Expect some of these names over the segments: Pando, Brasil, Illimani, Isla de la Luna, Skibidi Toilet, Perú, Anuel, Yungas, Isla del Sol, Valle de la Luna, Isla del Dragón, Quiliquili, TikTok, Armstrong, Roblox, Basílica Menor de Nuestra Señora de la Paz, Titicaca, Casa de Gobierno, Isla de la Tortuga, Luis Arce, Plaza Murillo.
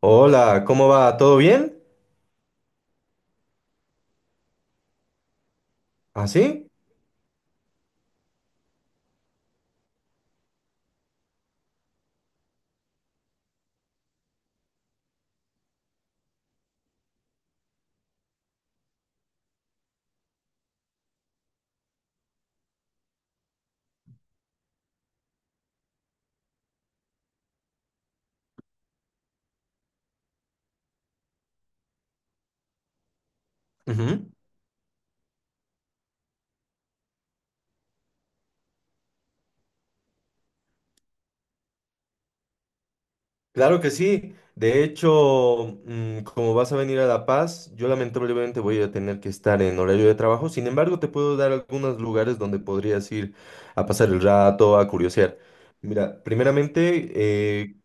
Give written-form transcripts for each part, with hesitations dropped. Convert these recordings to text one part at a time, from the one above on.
Hola, ¿cómo va? ¿Todo bien? ¿Así? Claro que sí. De hecho, como vas a venir a La Paz, yo lamentablemente voy a tener que estar en horario de trabajo. Sin embargo, te puedo dar algunos lugares donde podrías ir a pasar el rato, a curiosear. Mira, primeramente,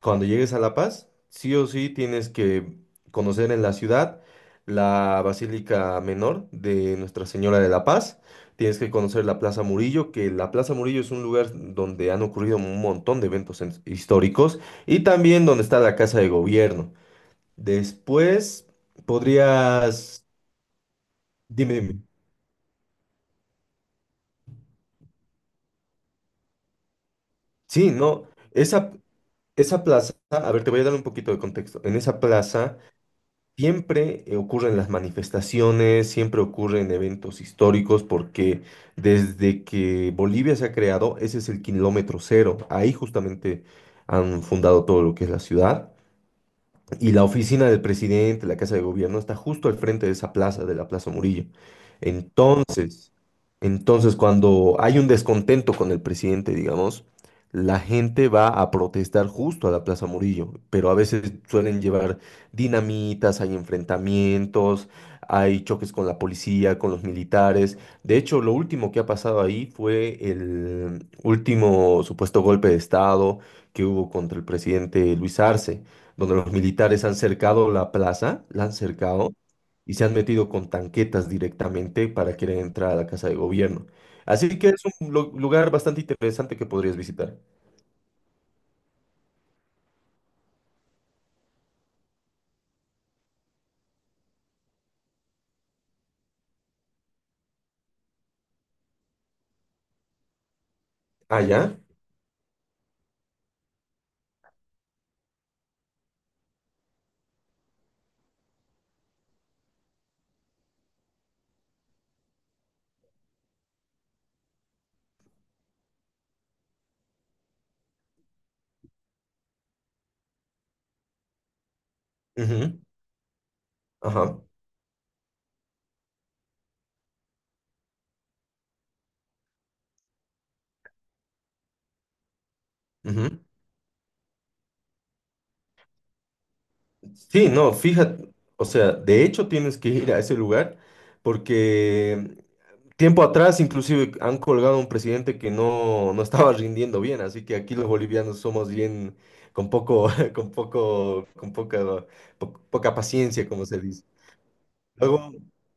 cuando llegues a La Paz, sí o sí tienes que conocer en la ciudad la Basílica Menor de Nuestra Señora de la Paz. Tienes que conocer la Plaza Murillo, que la Plaza Murillo es un lugar donde han ocurrido un montón de eventos históricos y también donde está la Casa de Gobierno. Después podrías. Dime, dime. Sí, no, esa plaza, a ver, te voy a dar un poquito de contexto. En esa plaza... Siempre ocurren las manifestaciones, siempre ocurren eventos históricos, porque desde que Bolivia se ha creado, ese es el kilómetro cero. Ahí justamente han fundado todo lo que es la ciudad. Y la oficina del presidente, la casa de gobierno, está justo al frente de esa plaza, de la Plaza Murillo. Entonces, entonces cuando hay un descontento con el presidente, digamos, la gente va a protestar justo a la Plaza Murillo, pero a veces suelen llevar dinamitas, hay enfrentamientos, hay choques con la policía, con los militares. De hecho, lo último que ha pasado ahí fue el último supuesto golpe de Estado que hubo contra el presidente Luis Arce, donde los militares han cercado la plaza, la han cercado y se han metido con tanquetas directamente para querer entrar a la casa de gobierno. Así que es un lugar bastante interesante que podrías visitar. Ah, ya. Ujú. Ajá. Ujú. Sí, no, fíjate, o sea, de hecho tienes que ir a ese lugar porque tiempo atrás inclusive han colgado a un presidente que no, no estaba rindiendo bien, así que aquí los bolivianos somos bien con con poco, con poca, poca paciencia, como se dice. Luego,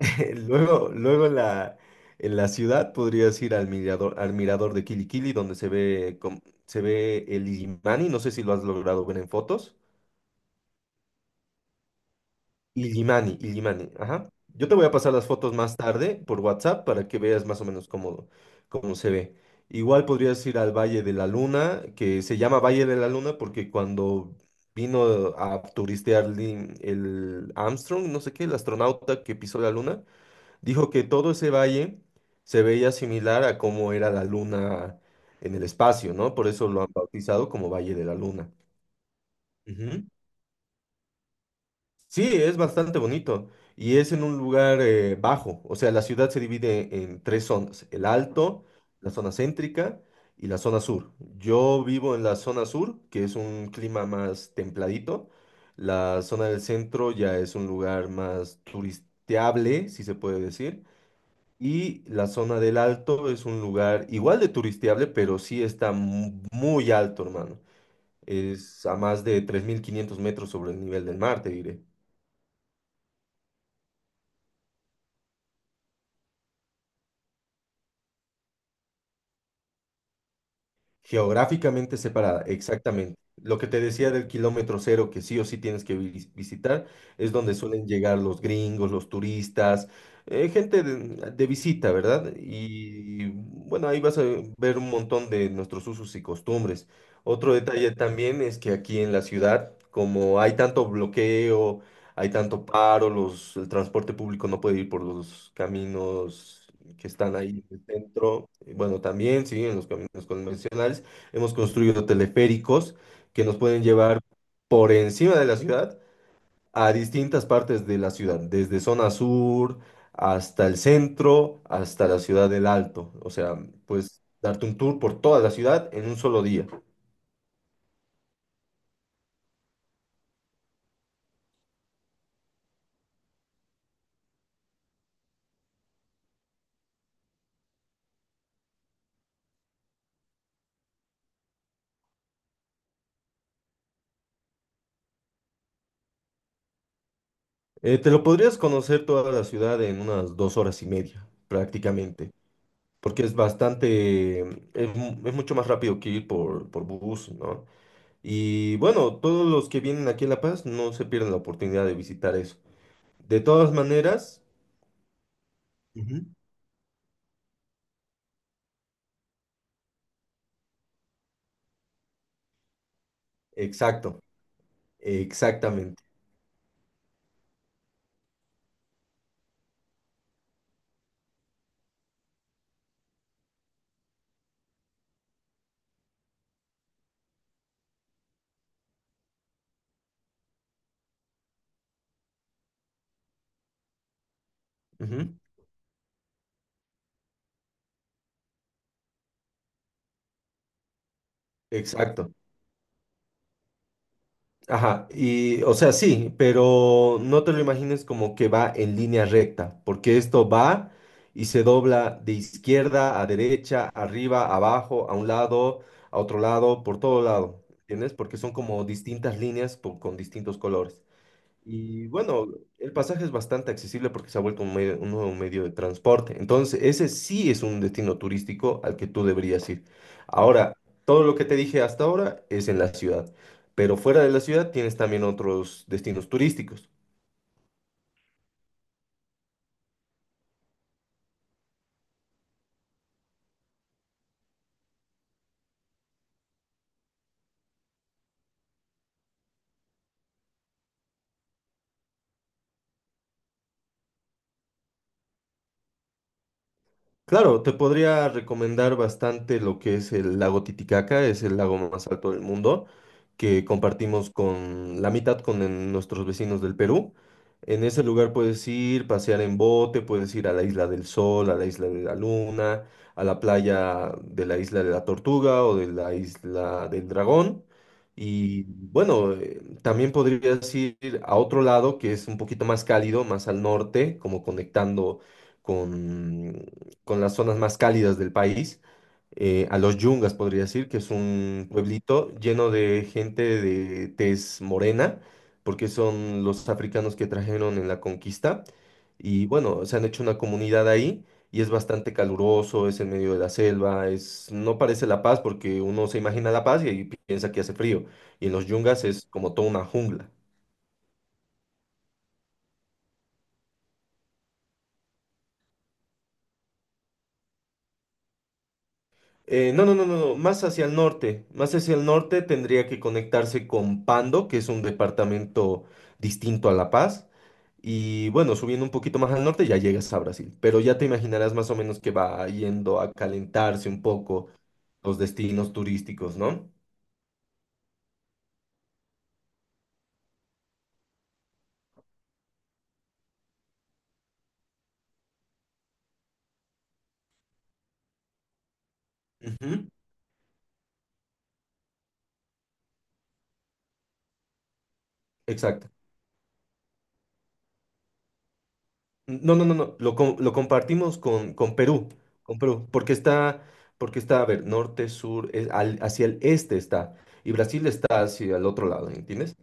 luego en la ciudad podrías ir al mirador de Quiliquili, donde se ve, se ve el Illimani, no sé si lo has logrado ver en fotos. Illimani, Illimani, ajá. Yo te voy a pasar las fotos más tarde por WhatsApp para que veas más o menos cómo, cómo se ve. Igual podrías ir al Valle de la Luna, que se llama Valle de la Luna porque cuando vino a turistear el Armstrong, no sé qué, el astronauta que pisó la Luna, dijo que todo ese valle se veía similar a cómo era la Luna en el espacio, ¿no? Por eso lo han bautizado como Valle de la Luna. Ujú. Sí, es bastante bonito y es en un lugar bajo, o sea, la ciudad se divide en tres zonas, el alto, la zona céntrica y la zona sur. Yo vivo en la zona sur, que es un clima más templadito, la zona del centro ya es un lugar más turisteable, si se puede decir, y la zona del alto es un lugar igual de turisteable, pero sí está muy alto, hermano. Es a más de 3.500 metros sobre el nivel del mar, te diré. Geográficamente separada, exactamente. Lo que te decía del kilómetro cero, que sí o sí tienes que visitar, es donde suelen llegar los gringos, los turistas, gente de visita, ¿verdad? Y bueno, ahí vas a ver un montón de nuestros usos y costumbres. Otro detalle también es que aquí en la ciudad, como hay tanto bloqueo, hay tanto paro, los, el transporte público no puede ir por los caminos que están ahí en el centro. Y bueno, también, sí, en los caminos convencionales hemos construido teleféricos que nos pueden llevar por encima de la ciudad a distintas partes de la ciudad, desde zona sur hasta el centro, hasta la ciudad del Alto. O sea, pues darte un tour por toda la ciudad en un solo día. Te lo podrías conocer toda la ciudad en unas 2 horas y media, prácticamente. Porque es bastante, es mucho más rápido que ir por bus, ¿no? Y bueno, todos los que vienen aquí a La Paz no se pierden la oportunidad de visitar eso. De todas maneras. Ujú. Exacto, exactamente. Ujú. Exacto. Ajá, y o sea, sí, pero no te lo imagines como que va en línea recta, porque esto va y se dobla de izquierda a derecha, arriba, abajo, a un lado, a otro lado, por todo lado, ¿entiendes? Porque son como distintas líneas con distintos colores. Y bueno, el pasaje es bastante accesible porque se ha vuelto un medio, un nuevo medio de transporte. Entonces, ese sí es un destino turístico al que tú deberías ir. Ahora, todo lo que te dije hasta ahora es en la ciudad, pero fuera de la ciudad tienes también otros destinos turísticos. Claro, te podría recomendar bastante lo que es el lago Titicaca, es el lago más alto del mundo, que compartimos con la mitad con nuestros vecinos del Perú. En ese lugar puedes ir, pasear en bote, puedes ir a la Isla del Sol, a la Isla de la Luna, a la playa de la Isla de la Tortuga o de la Isla del Dragón. Y bueno, también podrías ir a otro lado que es un poquito más cálido, más al norte, como conectando con con las zonas más cálidas del país, a los Yungas podría decir, que es un pueblito lleno de gente de tez morena, porque son los africanos que trajeron en la conquista. Y bueno, se han hecho una comunidad ahí y es bastante caluroso, es en medio de la selva, no parece La Paz porque uno se imagina La Paz y ahí piensa que hace frío. Y en los Yungas es como toda una jungla. No, no, no, no, no, más hacia el norte. Más hacia el norte tendría que conectarse con Pando, que es un departamento distinto a La Paz. Y bueno, subiendo un poquito más al norte ya llegas a Brasil. Pero ya te imaginarás más o menos que va yendo a calentarse un poco los destinos turísticos, ¿no? Ujú. Exacto. No, no, no, no. Lo, lo compartimos con Perú. Con Perú. Porque está, a ver, norte, sur, es hacia el este está. Y Brasil está hacia el otro lado, ¿entiendes?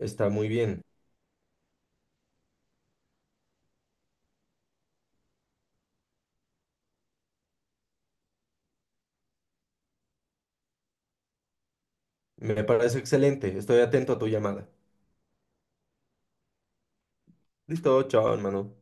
Está muy bien. Me parece excelente. Estoy atento a tu llamada. Listo, chao, hermano.